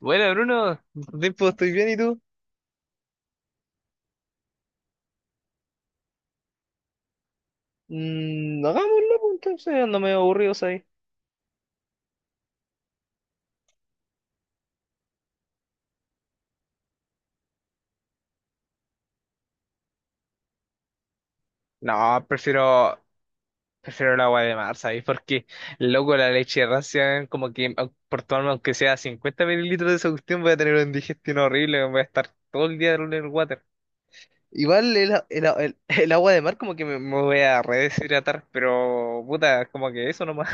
Bueno, Bruno, ¿Cuánto tiempo? Estoy bien, ¿y tú? Hagámoslo, pues, entonces ando medio aburrido, ¿sabes? No, prefiero el agua de mar, ¿sabes? Porque, loco, la leche ración, como que por tomarme aunque sea 50 mililitros de esa cuestión, voy a tener una digestión horrible, voy a estar todo el día en el water. Igual el agua de mar como que me voy a redeshidratar, pero puta, como que eso nomás.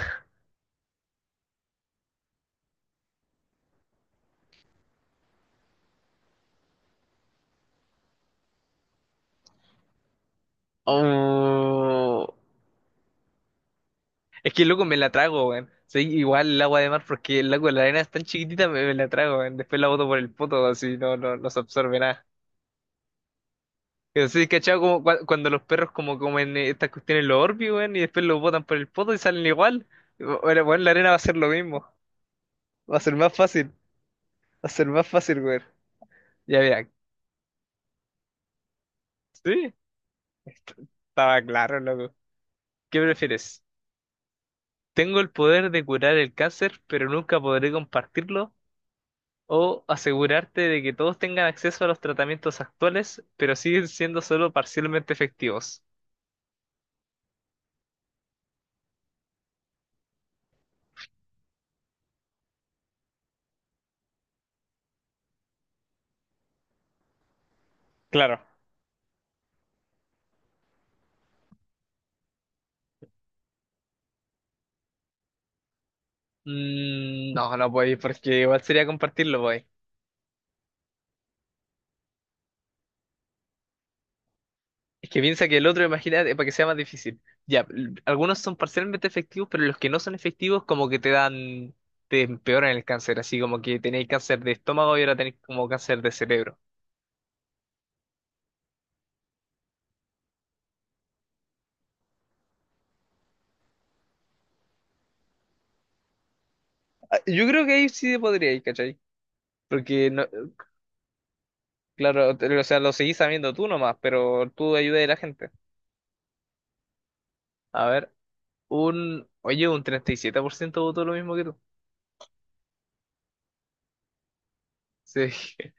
Oh. Es que loco me la trago, weón. Soy igual el agua de mar porque el agua la arena es tan chiquitita, me la trago, weón. Después la boto por el poto, así no se absorbe nada. Pero sí, cachado como cuando los perros como comen estas cuestiones los Orbeez, weón, y después los botan por el poto y salen igual. Bueno, weón, la arena va a ser lo mismo. Va a ser más fácil. Va a ser más fácil, weón. Ya mira. Sí, estaba claro, loco. ¿Qué prefieres? Tengo el poder de curar el cáncer, pero nunca podré compartirlo. O asegurarte de que todos tengan acceso a los tratamientos actuales, pero siguen siendo solo parcialmente efectivos. Claro. No, no podéis, porque igual sería compartirlo, pues. Es que piensa que el otro, imagínate, para que sea más difícil. Ya, algunos son parcialmente efectivos, pero los que no son efectivos como que te dan, te empeoran el cáncer, así como que tenéis cáncer de estómago y ahora tenéis como cáncer de cerebro. Ah, yo creo que ahí sí podríais, ¿cachai? Porque, no, claro, o sea, lo seguís sabiendo tú nomás, pero tú ayudas a la gente. A ver. Oye, un 37% votó lo mismo que tú. Sí.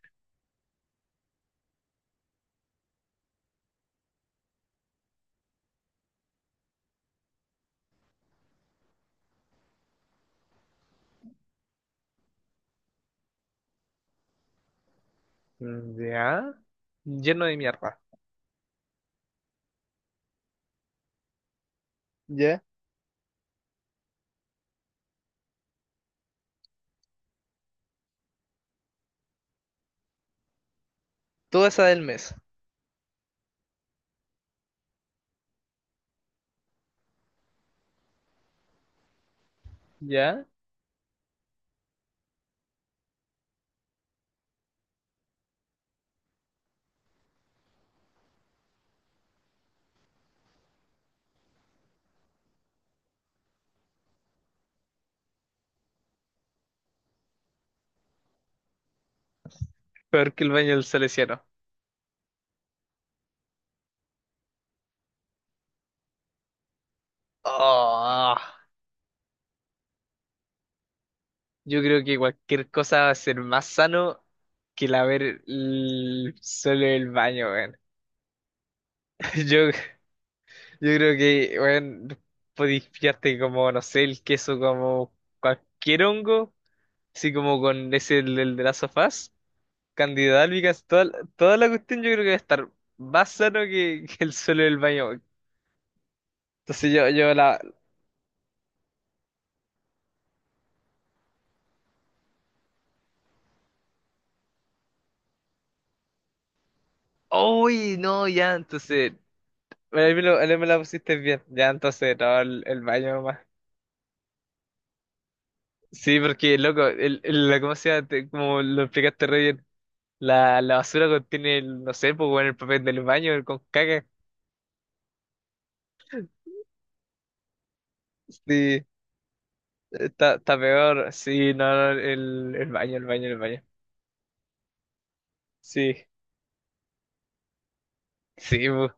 Ya. Lleno de mierda. Ya. Toda esa del mes. Ya. Peor que el baño del salesiano. Oh, yo creo que cualquier cosa va a ser más sano que el solo el baño, weón. Yo creo que, weón, podéis pillarte como, no sé, el queso como cualquier hongo, así como con ese del, del de las sofás. Candidato Albigas, toda la cuestión yo creo que va a estar más sano que el suelo del baño. Entonces yo la... ¡Uy! No, ya, entonces... Bueno, ahí me la pusiste bien. Ya, entonces, no, el baño más. Sí, porque, loco, la, ¿cómo se llama? Como lo explicaste re bien. La basura contiene, el, no sé, pues, bueno, el papel del baño el con caca. Sí, está peor. Sí, no, no, el baño, el baño, el baño. Sí, sí, pues.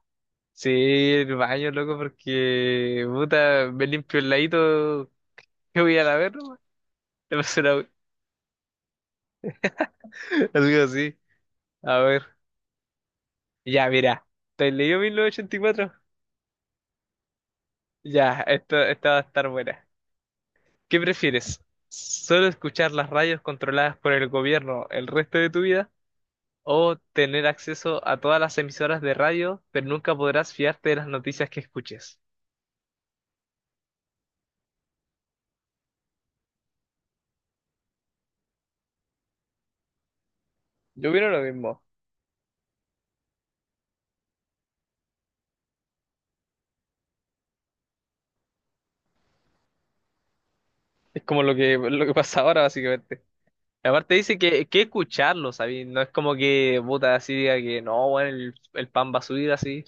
Sí, el baño, loco, porque, puta, me limpio el ladito que voy a la ver, nomás. Le paso basura, güey. Algo así. A ver. Ya, mira. ¿Te has leído 1984? Ya, esta va a estar buena. ¿Qué prefieres? ¿Solo escuchar las radios controladas por el gobierno el resto de tu vida? ¿O tener acceso a todas las emisoras de radio, pero nunca podrás fiarte de las noticias que escuches? Yo opino lo mismo. Es como lo que pasa ahora, básicamente. Aparte dice que escucharlo, ¿sabes? No es como que puta así diga que no, bueno, el pan va a subir así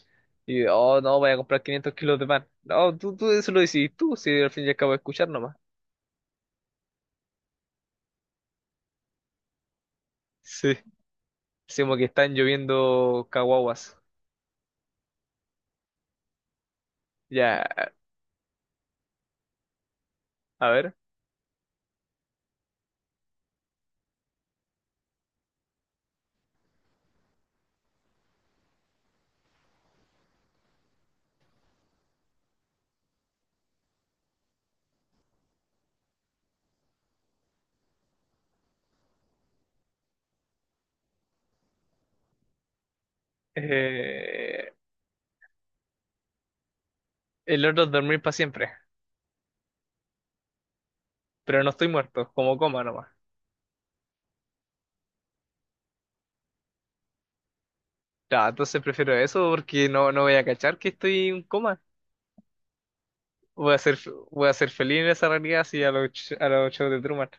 y oh, no, voy a comprar 500 kilos de pan. No, tú eso lo decís tú, si al fin y al cabo escuchar nomás. Sí. Sí, como que están lloviendo caguaguas. Ya, a ver. Eh, el otro es dormir para siempre, pero no estoy muerto, como coma nomás. Ya, entonces prefiero eso porque no voy a cachar que estoy en coma. Voy a ser, voy a ser feliz en esa realidad así a a los shows de Truman.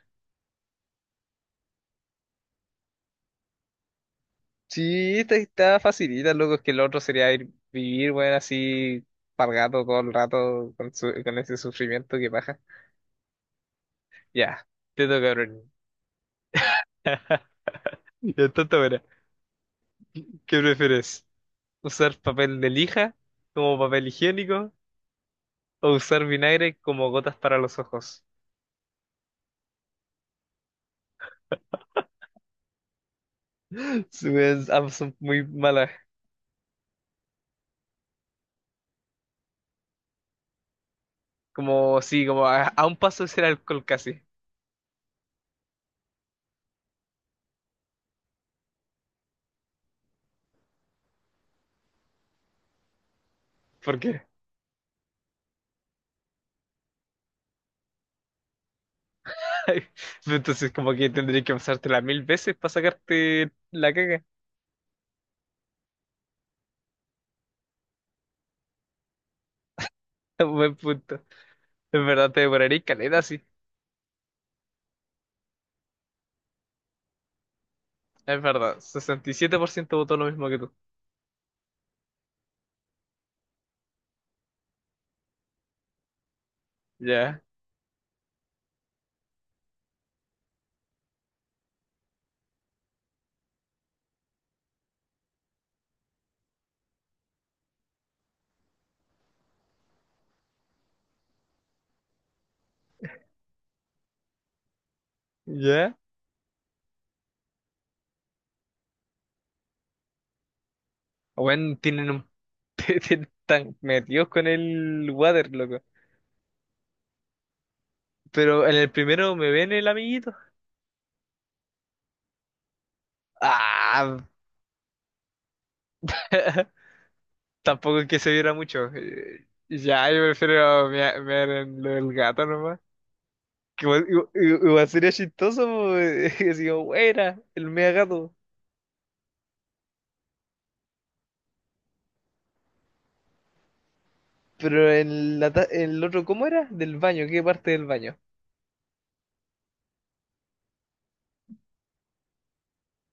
Sí, esta está facilita, loco, es que el otro sería ir, vivir, bueno, así, pargato todo el rato con ese sufrimiento que baja. Ya, te toca, cabrón. Ya tonta, buena. ¿Qué prefieres? ¿Usar papel de lija como papel higiénico o usar vinagre como gotas para los ojos? Sí, weón, ambas son muy malas. Como, sí, como a un paso de ser alcohol casi. ¿Por qué? Entonces, como que tendría que pasártela mil veces para sacarte la caga. Buen punto. En verdad te demoraría caleta, sí. Es verdad. 67% votó lo mismo que tú. Ya, ya. Bueno, tienen un... tienen tan metidos con el water, loco. Pero en el primero me ven el amiguito. Ah, tampoco es que se viera mucho. Ya, yo prefiero mear en lo del gato nomás. Que igual sería chistoso, po, así como, "Wey, era el mea gato. Pero en el otro, ¿cómo era? Del baño, ¿qué parte del baño?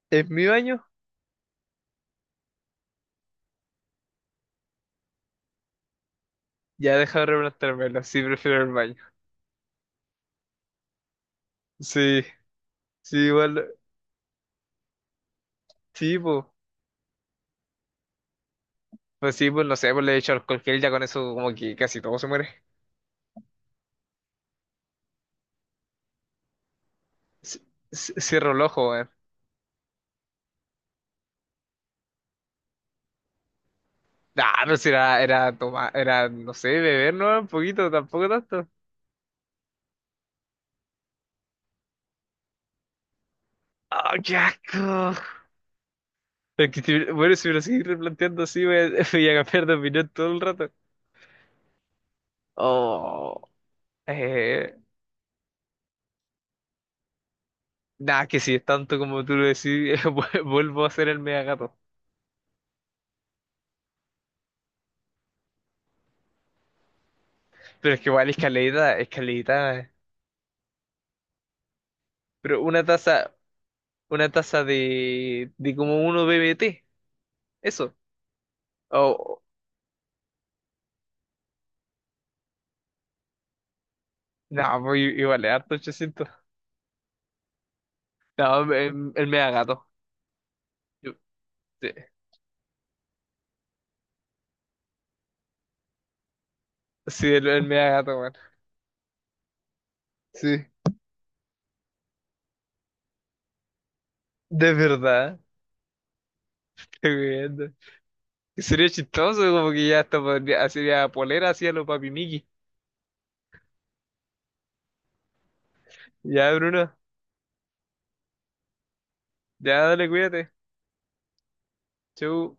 ¿Es mi baño? Ya deja de replantármelo, sí prefiero el baño. Sí, sí, igual, sí, pues sí, pues no sé, pues le he hecho alcohol gel, ya con eso como que casi todo se muere. C- Cierro el ojo, weón. Nah, pero si era tomar, era, no sé, beber, ¿no? Un poquito, tampoco tanto. ¡Ah, qué asco! Es que bueno, si me lo seguís replanteando así, voy a, voy a cambiar de opinión todo el rato. Oh, eh, nada, que si es tanto como tú lo decís, vuelvo a ser el mega gato. Pero es que igual escalerita, escalerita. Pero una taza de como uno BBT, eso. O, no, pues igual es harto 800. No, el mega gato. Yo- Sí, sí, el mega gato, weón. Sí, de verdad. Qué bien. Sería chistoso, como que ya hasta podría, sería polera, hacía los papi Miki. Ya, Bruno, ya dale, cuídate. Chau.